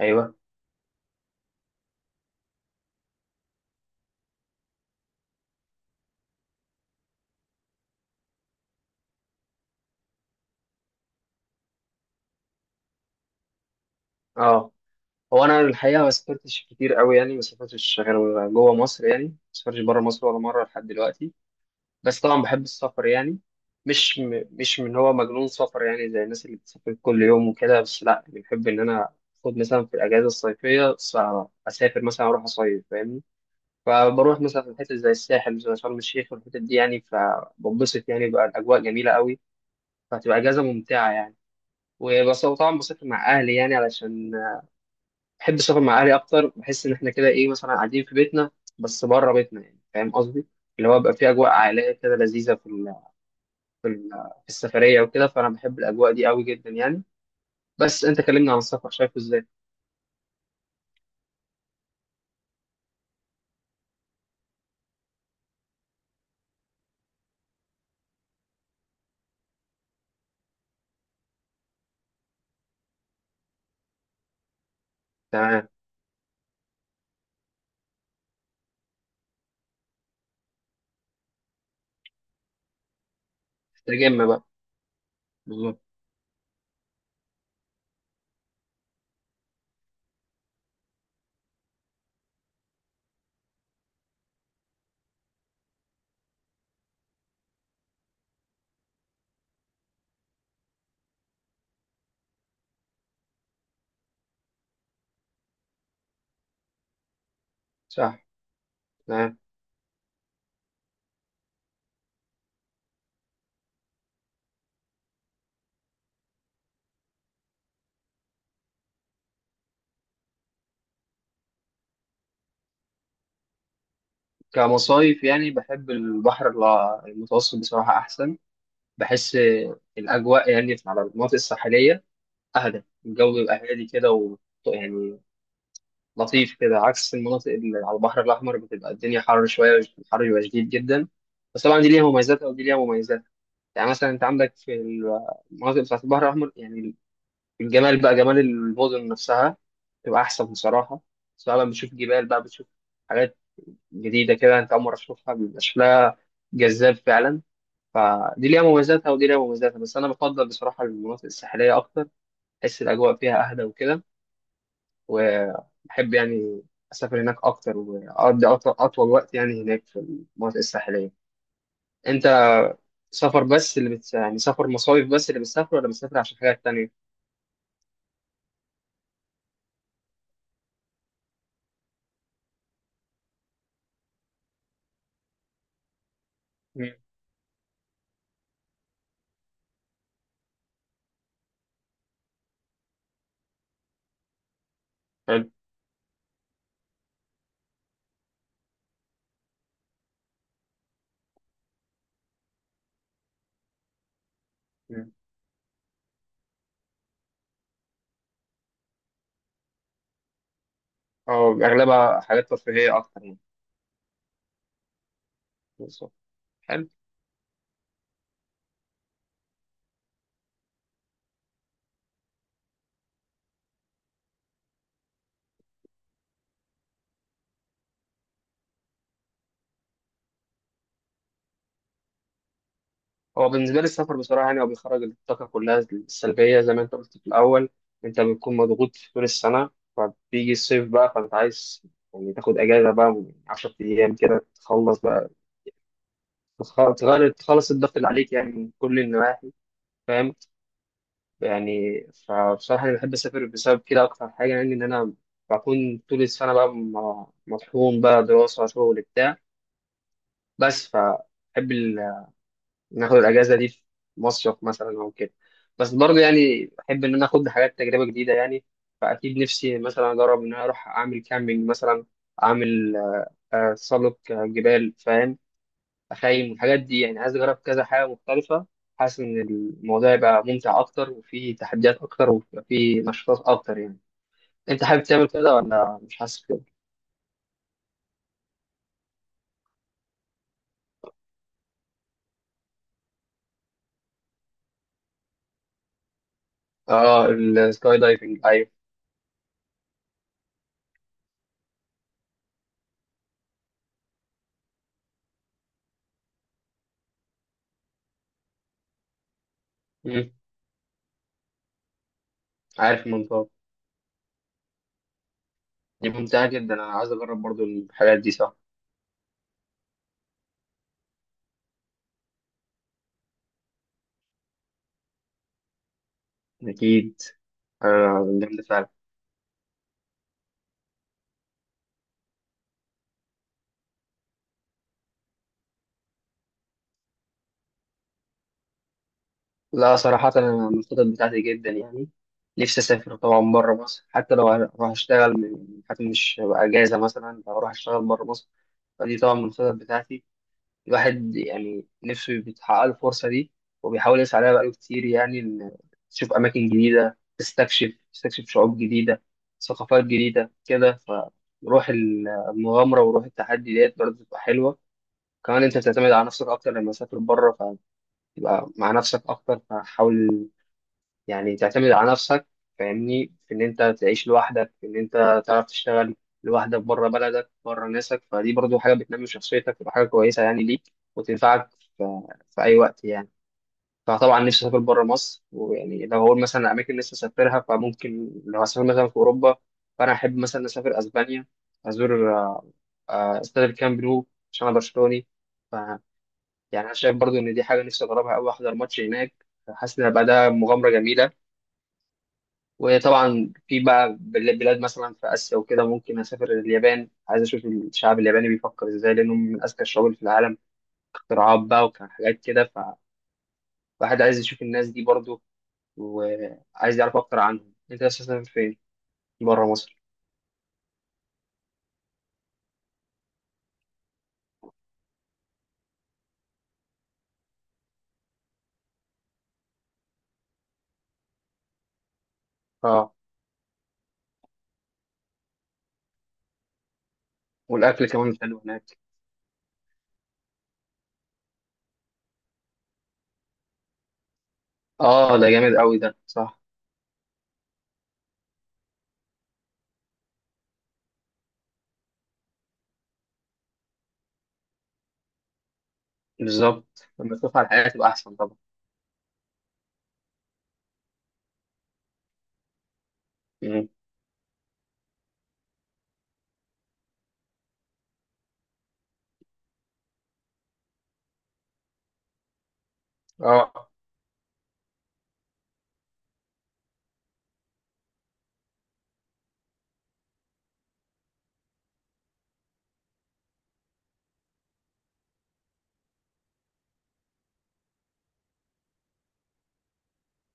ايوه. اه هو انا الحقيقه ما سافرتش كتير قوي، يعني ما سافرتش غير جوه مصر، يعني ما سافرتش بره مصر ولا مره لحد دلوقتي. بس طبعا بحب السفر يعني. مش مش من هو مجنون سفر يعني زي الناس اللي بتسافر كل يوم وكده، بس لا، يعني بحب ان انا اخد مثلا في الاجازه الصيفيه اسافر مثلا اروح اصيف فاهمني. فبروح مثلا في حتت زي الساحل زي شرم الشيخ والحتت دي يعني فبنبسط يعني بقى، الاجواء جميله قوي، فهتبقى اجازه ممتعه يعني. وبس طبعا بسافر مع اهلي يعني، علشان بحب السفر مع اهلي اكتر، بحس ان احنا كده ايه مثلا قاعدين في بيتنا بس بره بيتنا، يعني فاهم قصدي، اللي هو بقى في اجواء عائليه كده لذيذه في في ال- في السفريه وكده، فانا بحب الاجواء دي قوي جدا يعني. بس انت كلمني عن السفر، شايفه ازاي؟ تمام. تجمع بقى. بالظبط. صح. تمام. كمصايف يعني بحب البحر المتوسط بصراحه احسن، بحس الاجواء يعني على المناطق الساحليه اهدى، الجو بيبقى هادي كده و، يعني لطيف كده، عكس المناطق اللي على البحر الأحمر بتبقى الدنيا حر شوية، الحر بيبقى شديد جدا. بس طبعا دي ليها مميزاتها ودي ليها مميزات، يعني مثلا أنت عندك في المناطق بتاعت البحر الأحمر يعني الجمال بقى، جمال المدن نفسها بتبقى أحسن بصراحة، سواء بقى بتشوف جبال بقى بتشوف حاجات جديدة كده، أنت أول مرة تشوفها بيبقى شكلها جذاب فعلا، فدي ليها مميزاتها ودي ليها مميزاتها، بس أنا بفضل بصراحة المناطق الساحلية أكتر، بحس الأجواء فيها أهدى وكده، وأحب يعني أسافر هناك أكتر، وأقضي أطول وقت يعني هناك في المناطق الساحلية. أنت سفر بس اللي يعني سفر مصايف بس اللي بتسافر، ولا بتسافر عشان حاجات تانية؟ مم. حلو. مم. أو أغلبها حاجات ترفيهية أكتر يعني. بالظبط. حلو. هو بالنسبة لي السفر بصراحة يعني هو بيخرج الطاقة كلها السلبية، زي ما أنت قلت في الأول، أنت بتكون مضغوط طول السنة، فبيجي الصيف بقى فأنت عايز يعني تاخد أجازة بقى من 10 أيام كده، تخلص بقى، تخ- تخلص الضغط اللي عليك يعني من كل النواحي، فاهم. يعني فبصراحة أنا بحب أسافر بسبب كده أكتر حاجة، يعني إن أنا بكون طول السنة بقى مطحون بقى، دراسة شغل بتاع، بس فبحب ناخد الأجازة دي في مصيف مثلا أو كده. بس برضه يعني أحب إن أنا آخد حاجات تجربة جديدة يعني، فأكيد نفسي مثلا أجرب إن أنا أروح أعمل كامبينج مثلا، أعمل تسلق جبال، فاهم، اخيم والحاجات دي يعني، عايز اجرب كذا حاجه مختلفه، حاسس ان الموضوع يبقى ممتع اكتر وفيه تحديات اكتر ويبقى فيه نشاطات اكتر يعني. انت حابب تعمل كده، ولا مش حاسس كده؟ اه، السكاي دايفنج، ايوه. مم. عارف المنطقه. دي ممتعه جدا، انا عايز اجرب برضو الحاجات دي، صح، اكيد. آه جامده فعلا. لا، صراحه انا من الخطط بتاعتي جدا يعني، نفسي اسافر طبعا بره مصر، حتى لو هروح اشتغل حتى مش هبقى اجازه، مثلا لو اروح اشتغل بره مصر، فدي طبعا من الخطط بتاعتي. الواحد يعني نفسه بيتحقق له الفرصة دي، وبيحاول يسعى لها بقاله كتير، يعني إن تشوف أماكن جديدة، تستكشف شعوب جديدة، ثقافات جديدة كده، فروح المغامرة وروح التحدي ديت برضه بتبقى حلوة. كمان أنت بتعتمد على نفسك أكتر لما تسافر بره، فتبقى مع نفسك أكتر، فحاول يعني تعتمد على نفسك، فاهمني، في ان انت تعيش لوحدك، في ان انت تعرف تشتغل لوحدك بره بلدك بره ناسك، فدي برضو حاجه بتنمي شخصيتك، وتبقى حاجه كويسه يعني ليك، وتنفعك في, في اي وقت يعني. فطبعا نفسي اسافر بره مصر، ويعني لو هقول مثلا اماكن نفسي اسافرها، فممكن لو هسافر مثلا في اوروبا فانا احب مثلا اسافر اسبانيا، ازور استاد الكامب نو، عشان انا برشلوني. ف يعني انا شايف برضو ان دي حاجه نفسي اجربها قوي، احضر ماتش هناك، حاسس ان هيبقى ده مغامره جميله. وطبعا في بقى بلاد مثلا في آسيا وكده، ممكن أسافر اليابان، عايز أشوف الشعب الياباني بيفكر إزاي، لأنهم من أذكى الشعوب اللي في العالم، اختراعات بقى وحاجات كده، فالواحد عايز يشوف الناس دي برضو، وعايز يعرف أكتر عنهم. أنت عايز تسافر فين؟ بره مصر. أه. والأكل كمان حلو هناك. أه ده جامد أوي، ده صح. بالظبط، لما تشوف على الحياة تبقى أحسن طبعا. مم. أه.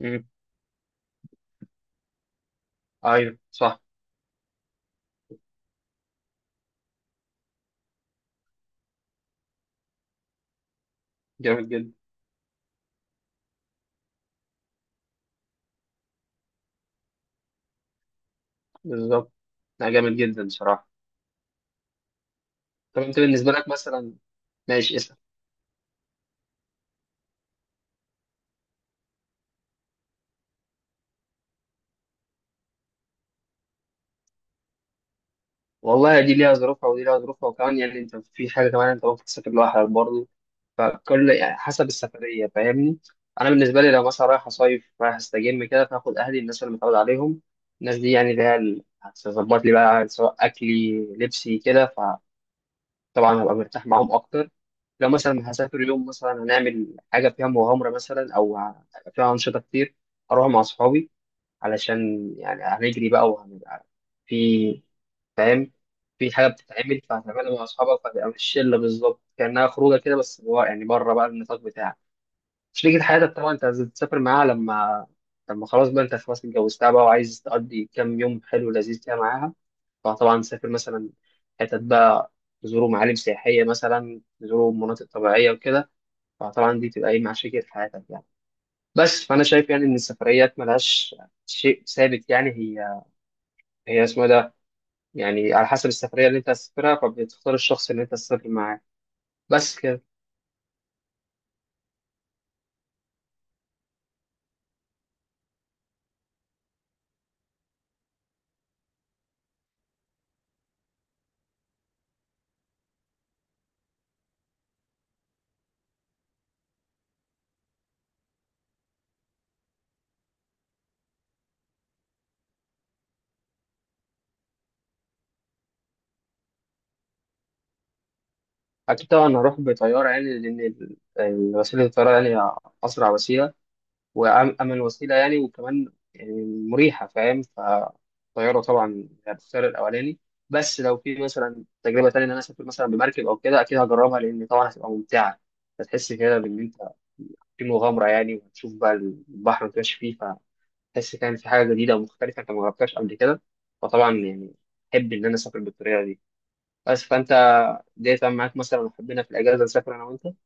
مم. أيوه صح. جامد جدا. بالظبط. لا جامد جدا بصراحة. طب أنت بالنسبة لك مثلا، ماشي اسأل. والله دي ليها ظروفها ودي ليها ظروفها، وكمان يعني انت في حاجه كمان، انت ممكن تسافر لوحدك برضه، فكل يعني حسب السفريه، فاهمني. انا بالنسبه لي لو مثلا رايح اصيف، رايح استجم كده، فاخد اهلي الناس اللي متعود عليهم، الناس دي يعني اللي هي اللي هتظبط لي بقى، سواء اكلي لبسي كده، فطبعا هبقى مرتاح معاهم اكتر. لو مثلا هسافر يوم مثلا هنعمل حاجه فيها مغامره مثلا، او فيها انشطه كتير، اروح مع اصحابي، علشان يعني هنجري بقى وهنبقى في، فاهم، في حاجه بتتعمل فهتعملها مع اصحابك، فهتبقى مش شله بالظبط، كانها خروجه كده، بس جوا يعني، بره بقى النطاق بتاعك. شريكة حياتك طبعا انت عايز تسافر معاها لما خلاص بقى انت خلاص اتجوزتها بقى، وعايز تقضي كام يوم حلو لذيذ كده معاها، فطبعا تسافر مثلا حتت بقى، تزوروا معالم سياحيه مثلا، تزوروا مناطق طبيعيه وكده، فطبعا دي تبقى ايه مع شريكة حياتك يعني. بس فانا شايف يعني ان السفريات ملهاش شيء ثابت يعني، هي اسمها ده، يعني على حسب السفرية اللي أنت هتسافرها فبتختار الشخص اللي أنت هتسافر معاه، بس كده. أكيد طبعا هروح بطيارة، يعني لأن وسيلة الطيارة يعني أسرع وسيلة، وأمن وسيلة يعني، وكمان يعني مريحة، فاهم، فالطيارة طبعا هختار الأولاني. بس لو في مثلا تجربة تانية إن أنا أسافر مثلا بمركب أو كده، أكيد هجربها، لأن طبعا هتبقى ممتعة، هتحس كده بإن أنت في مغامرة يعني، وهتشوف بقى البحر وتمشي فيه، تحس، فاهم، في حاجة جديدة ومختلفة أنت ما جربتهاش قبل كده، فطبعا يعني أحب إن أنا أسافر بالطريقة دي. بس فأنت ديت معاك مثلا، حبينا في الأجازة نسافر أنا وأنت